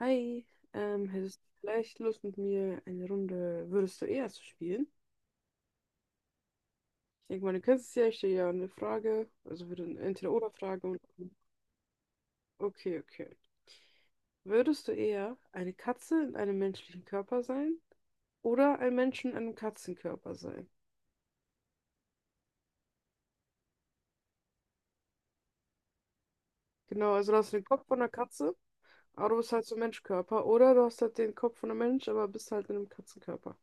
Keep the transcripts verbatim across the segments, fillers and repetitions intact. Hi, ähm, hättest du vielleicht Lust mit mir eine Runde Würdest du eher zu spielen? Ich denke mal, du kennst es ja, ich stelle ja eine Frage, also würde eine Entweder-oder-Frage und okay, okay. Würdest du eher eine Katze in einem menschlichen Körper sein oder ein Mensch in einem Katzenkörper sein? Genau, also du hast den Kopf von einer Katze, aber du bist halt so ein Menschkörper oder du hast halt den Kopf von einem Mensch, aber bist halt in einem Katzenkörper.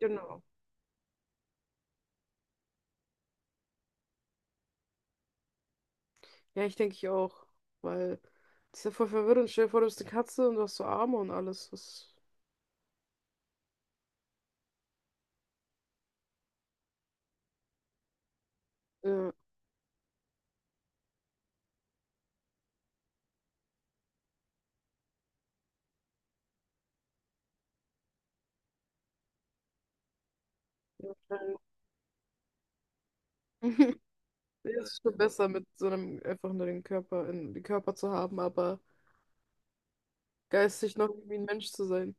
Genau. Ja, ich denke ich auch. Weil das ist ja voll verwirrend. Stell dir vor, du bist eine Katze und du hast so Arme und alles. Das, ja, wahrscheinlich. Nee, es ist schon besser, mit so einem einfach nur den Körper, in, den Körper zu haben, aber geistig noch irgendwie ein Mensch zu sein.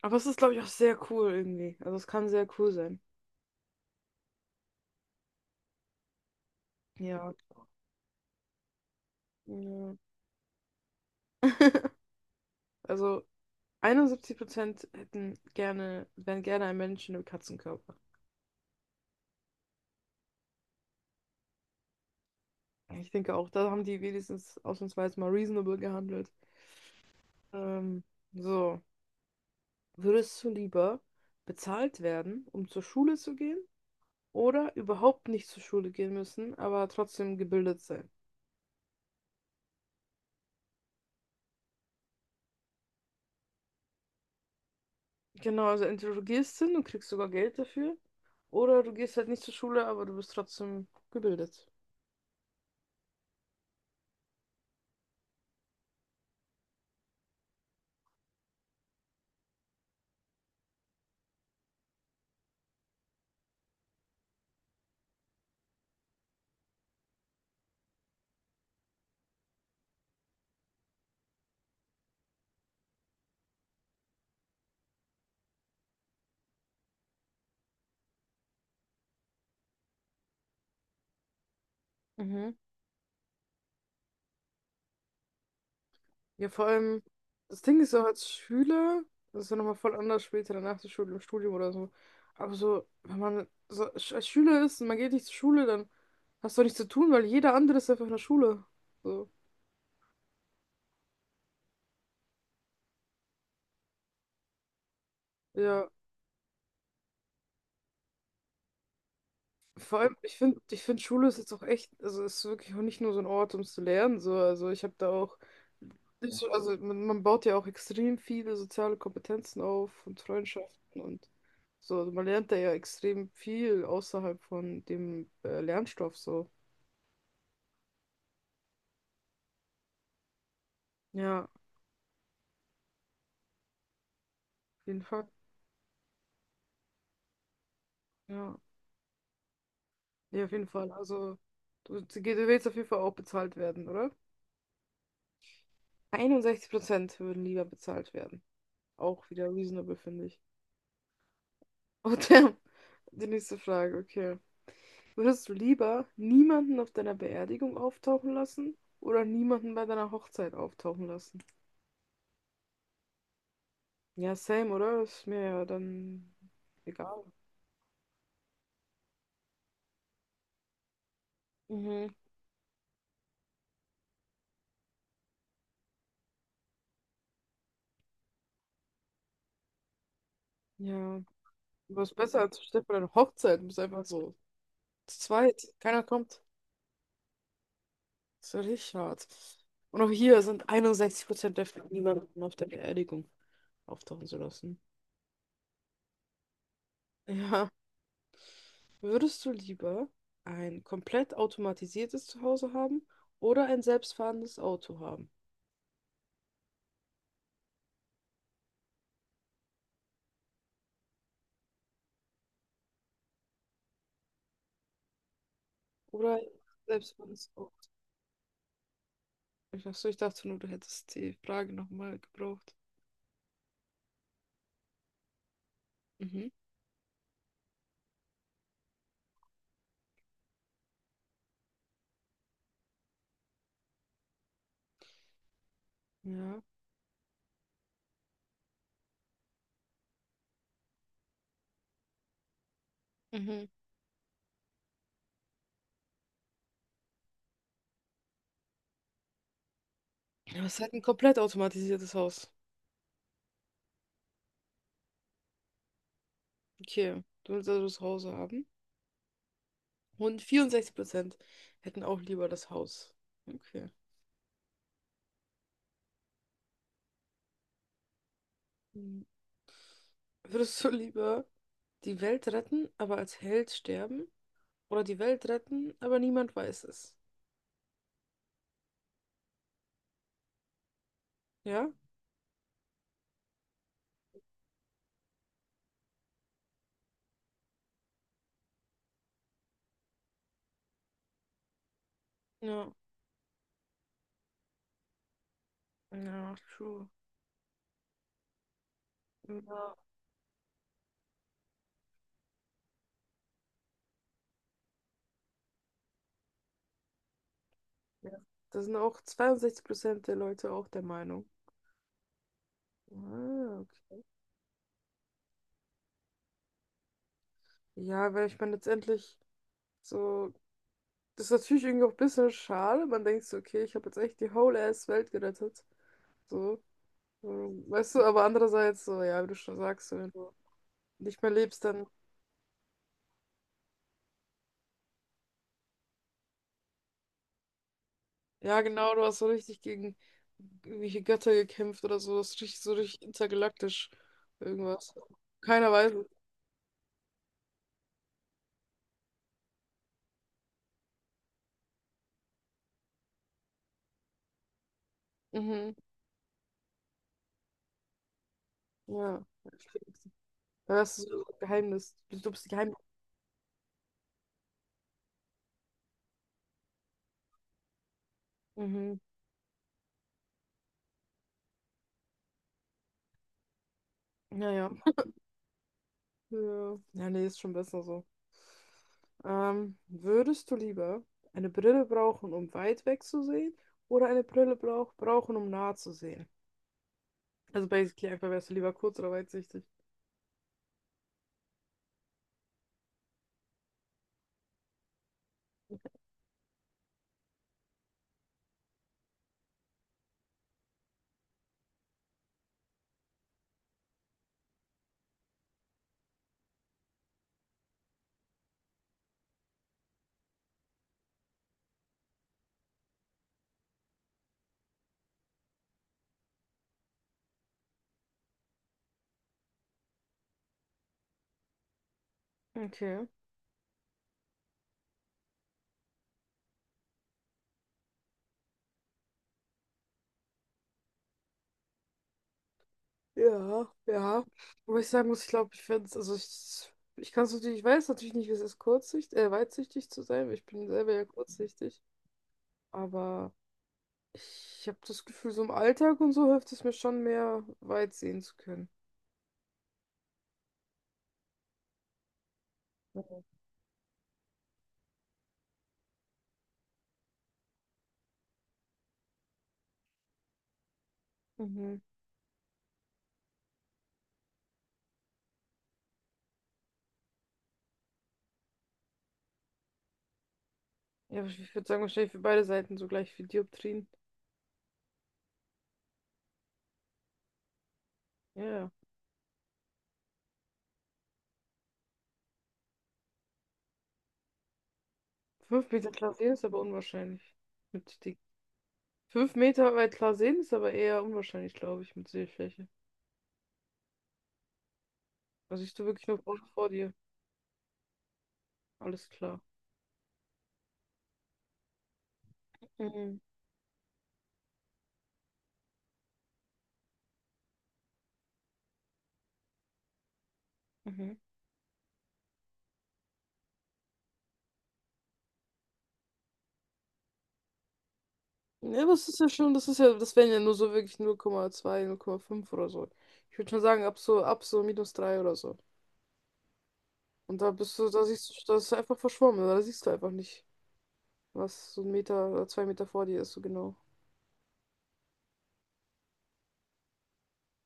Aber es ist, glaube ich, auch sehr cool irgendwie. Also es kann sehr cool sein. Ja. Ja. Also einundsiebzig Prozent hätten gerne, wären gerne ein Mensch in einem Katzenkörper. Ich denke auch, da haben die wenigstens ausnahmsweise mal reasonable gehandelt. Ähm, so. Würdest du lieber bezahlt werden, um zur Schule zu gehen, oder überhaupt nicht zur Schule gehen müssen, aber trotzdem gebildet sein? Genau, also entweder du gehst hin und kriegst sogar Geld dafür, oder du gehst halt nicht zur Schule, aber du bist trotzdem gebildet. Mhm. Ja, vor allem, das Ding ist auch als Schüler, das ist ja nochmal voll anders später, danach der Schule, im Studium oder so. Aber so, wenn man so als Schüler ist und man geht nicht zur Schule, dann hast du auch nichts zu tun, weil jeder andere ist einfach in der Schule. So, ja. Vor allem, ich finde, ich finde Schule ist jetzt auch echt, also ist wirklich auch nicht nur so ein Ort, um zu lernen. So. Also ich habe da auch, nicht so, also man, man baut ja auch extrem viele soziale Kompetenzen auf und Freundschaften und so. Also man lernt da ja extrem viel außerhalb von dem äh, Lernstoff so. Ja, auf jeden Fall. Ja, ja, auf jeden Fall. Also du, du willst auf jeden Fall auch bezahlt werden, oder? einundsechzig Prozent würden lieber bezahlt werden. Auch wieder reasonable, finde ich. Und dann die nächste Frage, okay. Würdest du lieber niemanden auf deiner Beerdigung auftauchen lassen oder niemanden bei deiner Hochzeit auftauchen lassen? Ja, same, oder? Ist mir ja dann egal. Mhm. Ja. Was besser als stell dir vor, deine Hochzeit. Du bist einfach so zu zweit. Keiner kommt. Das ist ja richtig hart. Und auch hier sind einundsechzig Prozent dafür, niemanden auf der Beerdigung auftauchen zu lassen. Ja. Würdest du lieber ein komplett automatisiertes Zuhause haben oder ein selbstfahrendes Auto haben? Oder selbst wenn es auch. Ich dachte, so, ich dachte nur, du hättest die Frage nochmal gebraucht. Mhm. Ja. Mhm. Aber es ist halt ein komplett automatisiertes Haus. Okay, du willst also das Haus haben. Und vierundsechzig Prozent hätten auch lieber das Haus. Okay. Hm. Würdest du lieber die Welt retten, aber als Held sterben? Oder die Welt retten, aber niemand weiß es? Ja? Ja. Ja, true. Ja. Ja. Das sind auch zweiundsechzig Prozent der Leute auch der Meinung. Ah, okay. Ja, weil ich meine, letztendlich so, das ist natürlich irgendwie auch ein bisschen schade. Man denkt so, okay, ich habe jetzt echt die whole ass Welt gerettet. So, ähm, weißt du, aber andererseits so, ja, wie du schon sagst, so, wenn du nicht mehr lebst, dann, ja, genau, du hast so richtig gegen irgendwelche Götter gekämpft oder so. Das ist richtig, so richtig intergalaktisch irgendwas. Keiner weiß es. Mhm. Ja. Weil das ist so ein Geheimnis. Du bist die. Mhm. Ja, ja. Ja, ja, nee, ist schon besser so. Ähm, würdest du lieber eine Brille brauchen, um weit weg zu sehen, oder eine Brille brauch brauchen, um nah zu sehen? Also basically einfach wärst du lieber kurz oder weitsichtig. Okay. Ja, ja. Wobei ich sagen muss, ich glaube, ich fände es, also ich, ich kann es natürlich, ich weiß natürlich nicht, wie es ist, kurzsichtig äh, weitsichtig zu sein, weil ich bin selber ja kurzsichtig. Aber ich habe das Gefühl, so im Alltag und so hilft es mir schon mehr, weit sehen zu können. Mhm. Ja, aber ich würde sagen, wahrscheinlich für beide Seiten so gleich viel Dioptrien. Ja. Fünf Meter klar sehen ist aber unwahrscheinlich. Mit die fünf Meter weit klar sehen ist aber eher unwahrscheinlich, glaube ich, mit Sehschwäche. Da siehst du wirklich nur vor vor dir. Alles klar. Mhm. Mhm. Ja, aber es ist ja schon, das ist ja, das wären ja nur so wirklich null null Komma zwei null Komma fünf oder so. Ich würde schon sagen, ab so, ab so minus drei oder so. Und da bist du, da siehst du, das ist einfach verschwommen, da siehst du einfach nicht, was so ein Meter oder zwei Meter vor dir ist, so genau.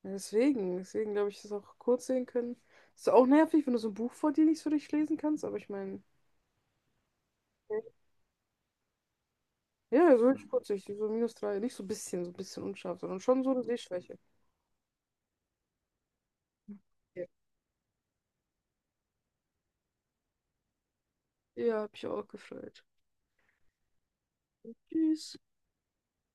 Ja, deswegen, deswegen glaube ich, dass auch kurz sehen können. Ist auch nervig, wenn du so ein Buch vor dir nicht so richtig lesen kannst, aber ich meine, ja, ja, so richtig kurzsichtig, so minus drei, nicht so ein bisschen, so ein bisschen unscharf, sondern schon so eine Sehschwäche. Ja. Ja, hab ich auch gefreut. Tschüss.